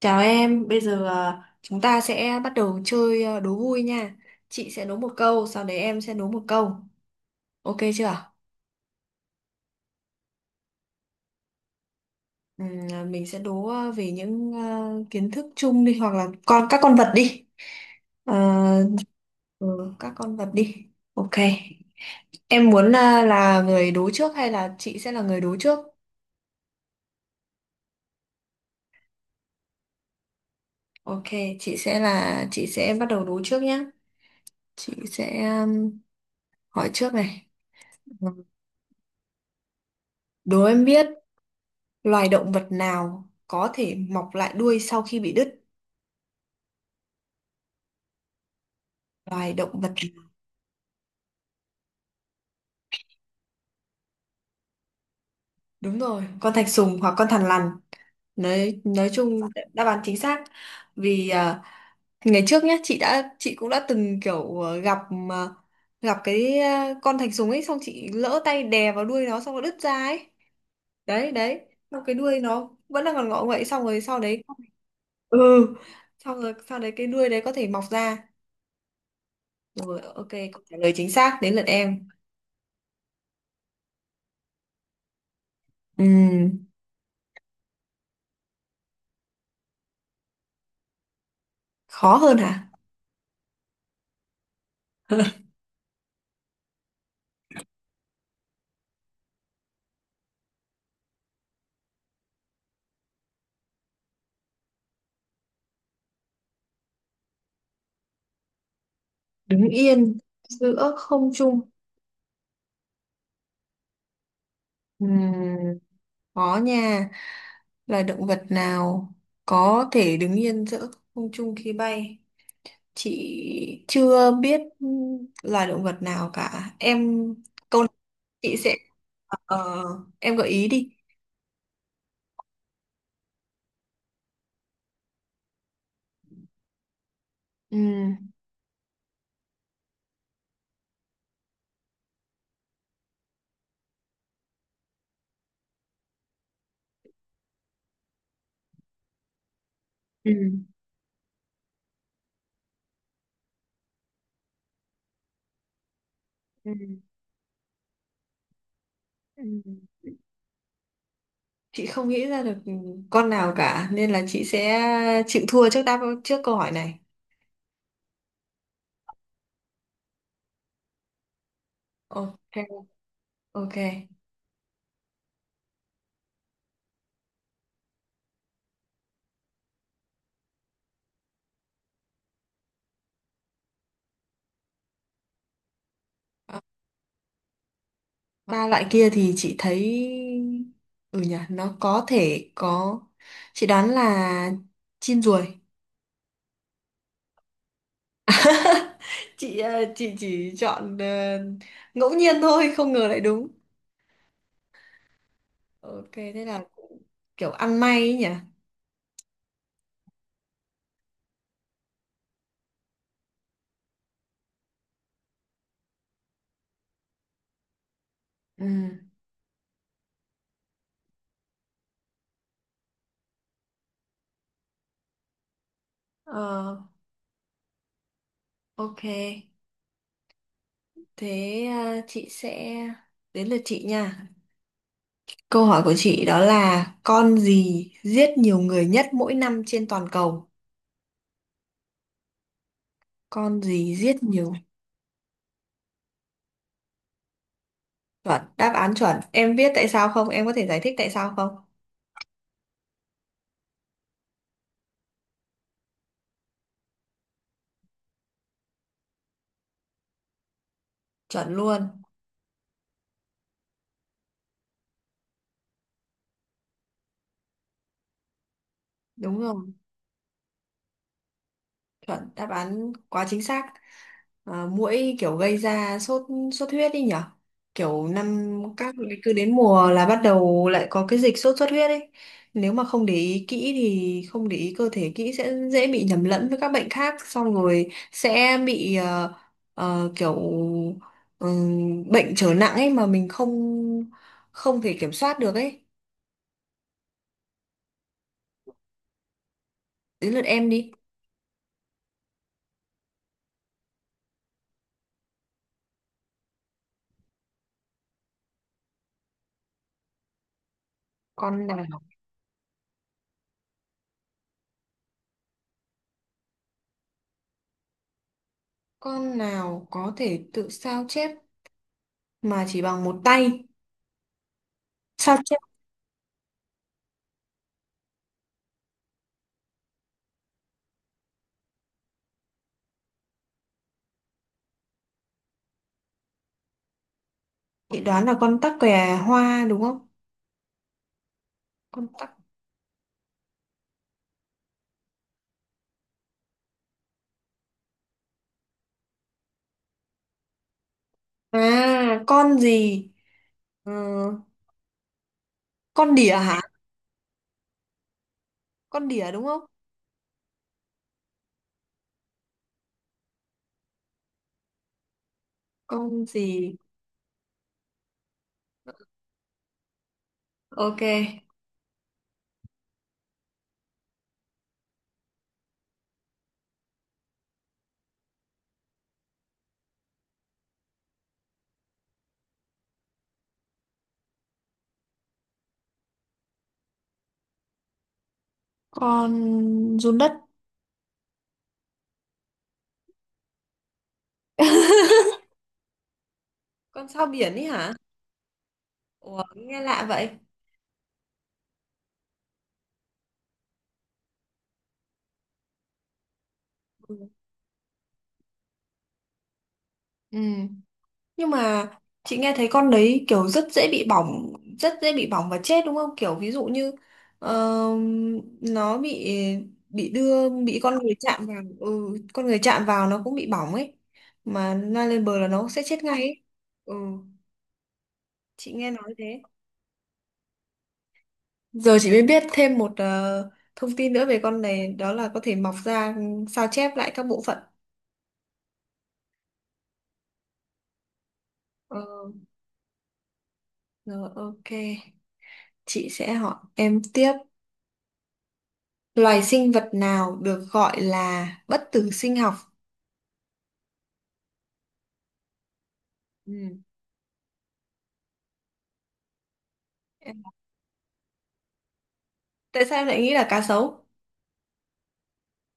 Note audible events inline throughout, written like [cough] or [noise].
Chào em, bây giờ chúng ta sẽ bắt đầu chơi, đố vui nha. Chị sẽ đố một câu, sau đấy em sẽ đố một câu. Ok chưa? Mình sẽ đố về những kiến thức chung đi hoặc là các con vật đi. Ờ, ừ, các con vật đi. Ok. Em muốn là người đố trước hay là chị sẽ là người đố trước? Ok, chị sẽ bắt đầu đố trước nhé. Chị sẽ hỏi trước này. Đố em biết loài động vật nào có thể mọc lại đuôi sau khi bị đứt? Loài động vật Đúng rồi, con thạch sùng hoặc con thằn lằn. Nói chung đáp án chính xác. Vì à, ngày trước nhá, chị cũng đã từng kiểu gặp à, gặp cái con thạch sùng ấy, xong chị lỡ tay đè vào đuôi nó xong nó đứt ra ấy. Đấy đấy, xong cái đuôi nó vẫn còn ngọ nguậy, xong rồi sau đấy ừ, xong rồi sau đấy cái đuôi đấy có thể mọc ra. Rồi ok, câu trả lời chính xác, đến lượt em. Ừm, khó hơn hả? [laughs] Đứng yên giữa không trung. Ừm, khó nha, là động vật nào có thể đứng yên giữa không trung khi bay, chị chưa biết là động vật nào cả em. Câu này chị sẽ ờ, em gợi ý đi. Ừm, ừ, ừ ừ, chị không nghĩ ra được con nào cả nên là chị sẽ chịu thua trước, đáp trước câu hỏi này. Ok. Ok, ba loại kia thì chị thấy ừ nhỉ, nó có thể có. Chị đoán là chim ruồi. Chị chị chỉ chọn ngẫu nhiên thôi, không ngờ lại đúng. Ok thế là cũng kiểu ăn may ấy nhỉ. Ừ. ờ, ok, thế chị sẽ đến lượt chị nha. Câu hỏi của chị đó là con gì giết nhiều người nhất mỗi năm trên toàn cầu? Con gì giết nhiều Chuẩn, đáp án chuẩn. Em biết tại sao không, em có thể giải thích tại sao không? Chuẩn luôn. Đúng rồi. Chuẩn đáp án, quá chính xác. À, muỗi kiểu gây ra sốt, sốt huyết đi nhở. Kiểu năm các cứ đến mùa là bắt đầu lại có cái dịch sốt xuất huyết ấy. Nếu mà không để ý kỹ thì không để ý cơ thể kỹ sẽ dễ bị nhầm lẫn với các bệnh khác xong rồi sẽ bị kiểu bệnh trở nặng ấy mà mình không không thể kiểm soát được ấy. Đến lượt em đi. Con nào, con nào có thể tự sao chép mà chỉ bằng một tay? Sao chép Chị đoán là con tắc kè hoa đúng không? Con tắc. À, con gì? Ờ, con đỉa hả? Con đỉa đúng không? Con gì? Ok. Con run đất. [laughs] Con sao biển ấy hả? Ủa, nghe lạ vậy. Ừ. Ừ. Nhưng mà chị nghe thấy con đấy kiểu rất dễ bị bỏng, rất dễ bị bỏng và chết đúng không? Kiểu ví dụ như ờ, nó bị đưa bị con người chạm vào, ừ, con người chạm vào nó cũng bị bỏng ấy. Mà la lên bờ là nó sẽ chết ngay ấy. Ừ, chị nghe nói thế. Giờ chị mới biết thêm một thông tin nữa về con này, đó là có thể mọc ra ừ, sao chép lại các bộ phận. Ờ, rồi ok, chị sẽ hỏi em tiếp. Loài sinh vật nào được gọi là bất tử sinh học? Ừ. Tại sao em lại nghĩ là cá sấu?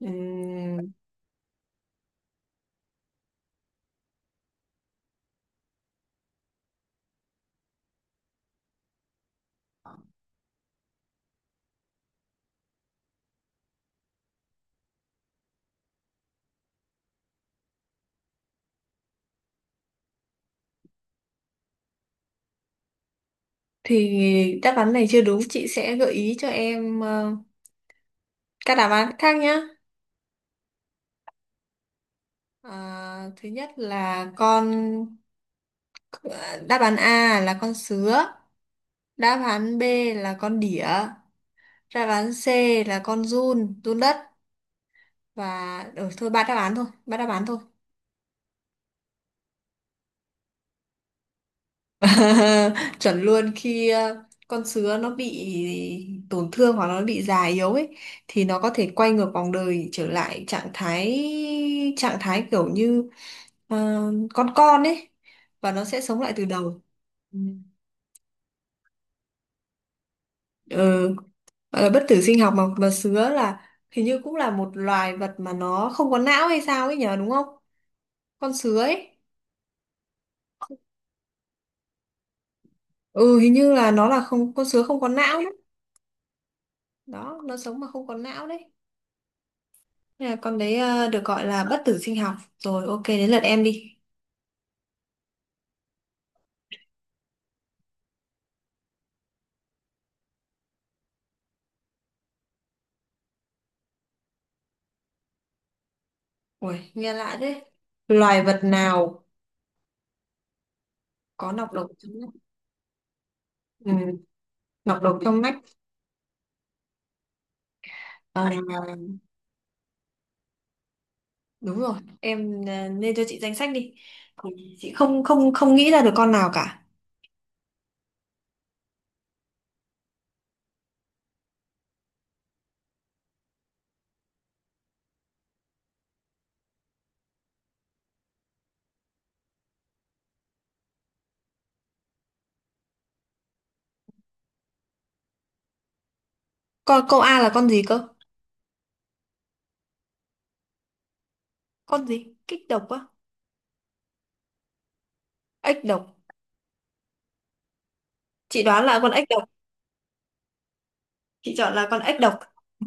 Ừm, thì đáp án này chưa đúng, chị sẽ gợi ý cho em các đáp án khác nhé. Thứ nhất là đáp án A là con sứa, đáp án B là con đỉa, đáp án C là giun đất, và ừ, thôi ba đáp án thôi, ba đáp án thôi. [laughs] Chuẩn luôn, khi con sứa nó bị tổn thương hoặc nó bị già yếu ấy thì nó có thể quay ngược vòng đời trở lại trạng thái kiểu như ờ, con ấy, và nó sẽ sống lại từ đầu. Ừ. Ừ. Gọi là bất tử sinh học. Mà sứa là hình như cũng là một loài vật mà nó không có não hay sao ấy nhờ, đúng không, con sứa ấy. Ừ, hình như là nó là không, con sứa không có não đấy. Đó, nó sống mà không có não đấy. À, con đấy ờ, được gọi là bất tử sinh học. Rồi ok, đến lượt em đi. Ui, nghe lạ thế. Loài vật nào có nọc độc trong nách? Ừ, nọc độc trong nách. Ờ, đúng rồi. Em nên cho chị danh sách đi. Ừ, chị không không không nghĩ ra được con nào cả. Con câu A là con gì cơ? Con gì? Kích độc á? Ếch độc. Chị đoán là con ếch độc. Chị chọn là con ếch độc. Ừ.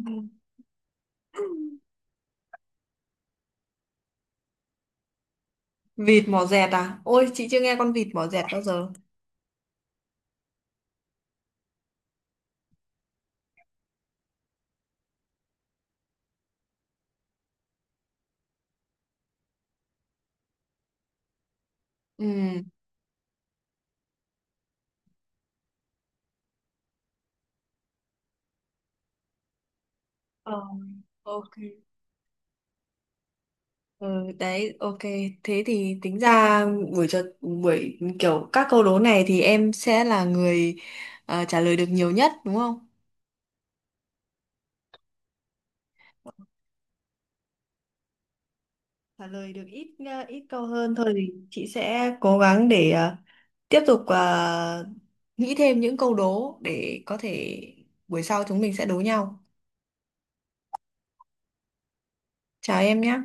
Vịt mỏ dẹt à? Ôi chị chưa nghe con vịt mỏ dẹt bao giờ. Ừ. Ờ, ok. Ừ, đấy ok, thế thì tính ra buổi kiểu các câu đố này thì em sẽ là người trả lời được nhiều nhất đúng không? Trả lời được ít câu hơn thôi thì chị sẽ cố gắng để tiếp tục nghĩ thêm những câu đố để có thể buổi sau chúng mình sẽ đố nhau. Chào em nhé.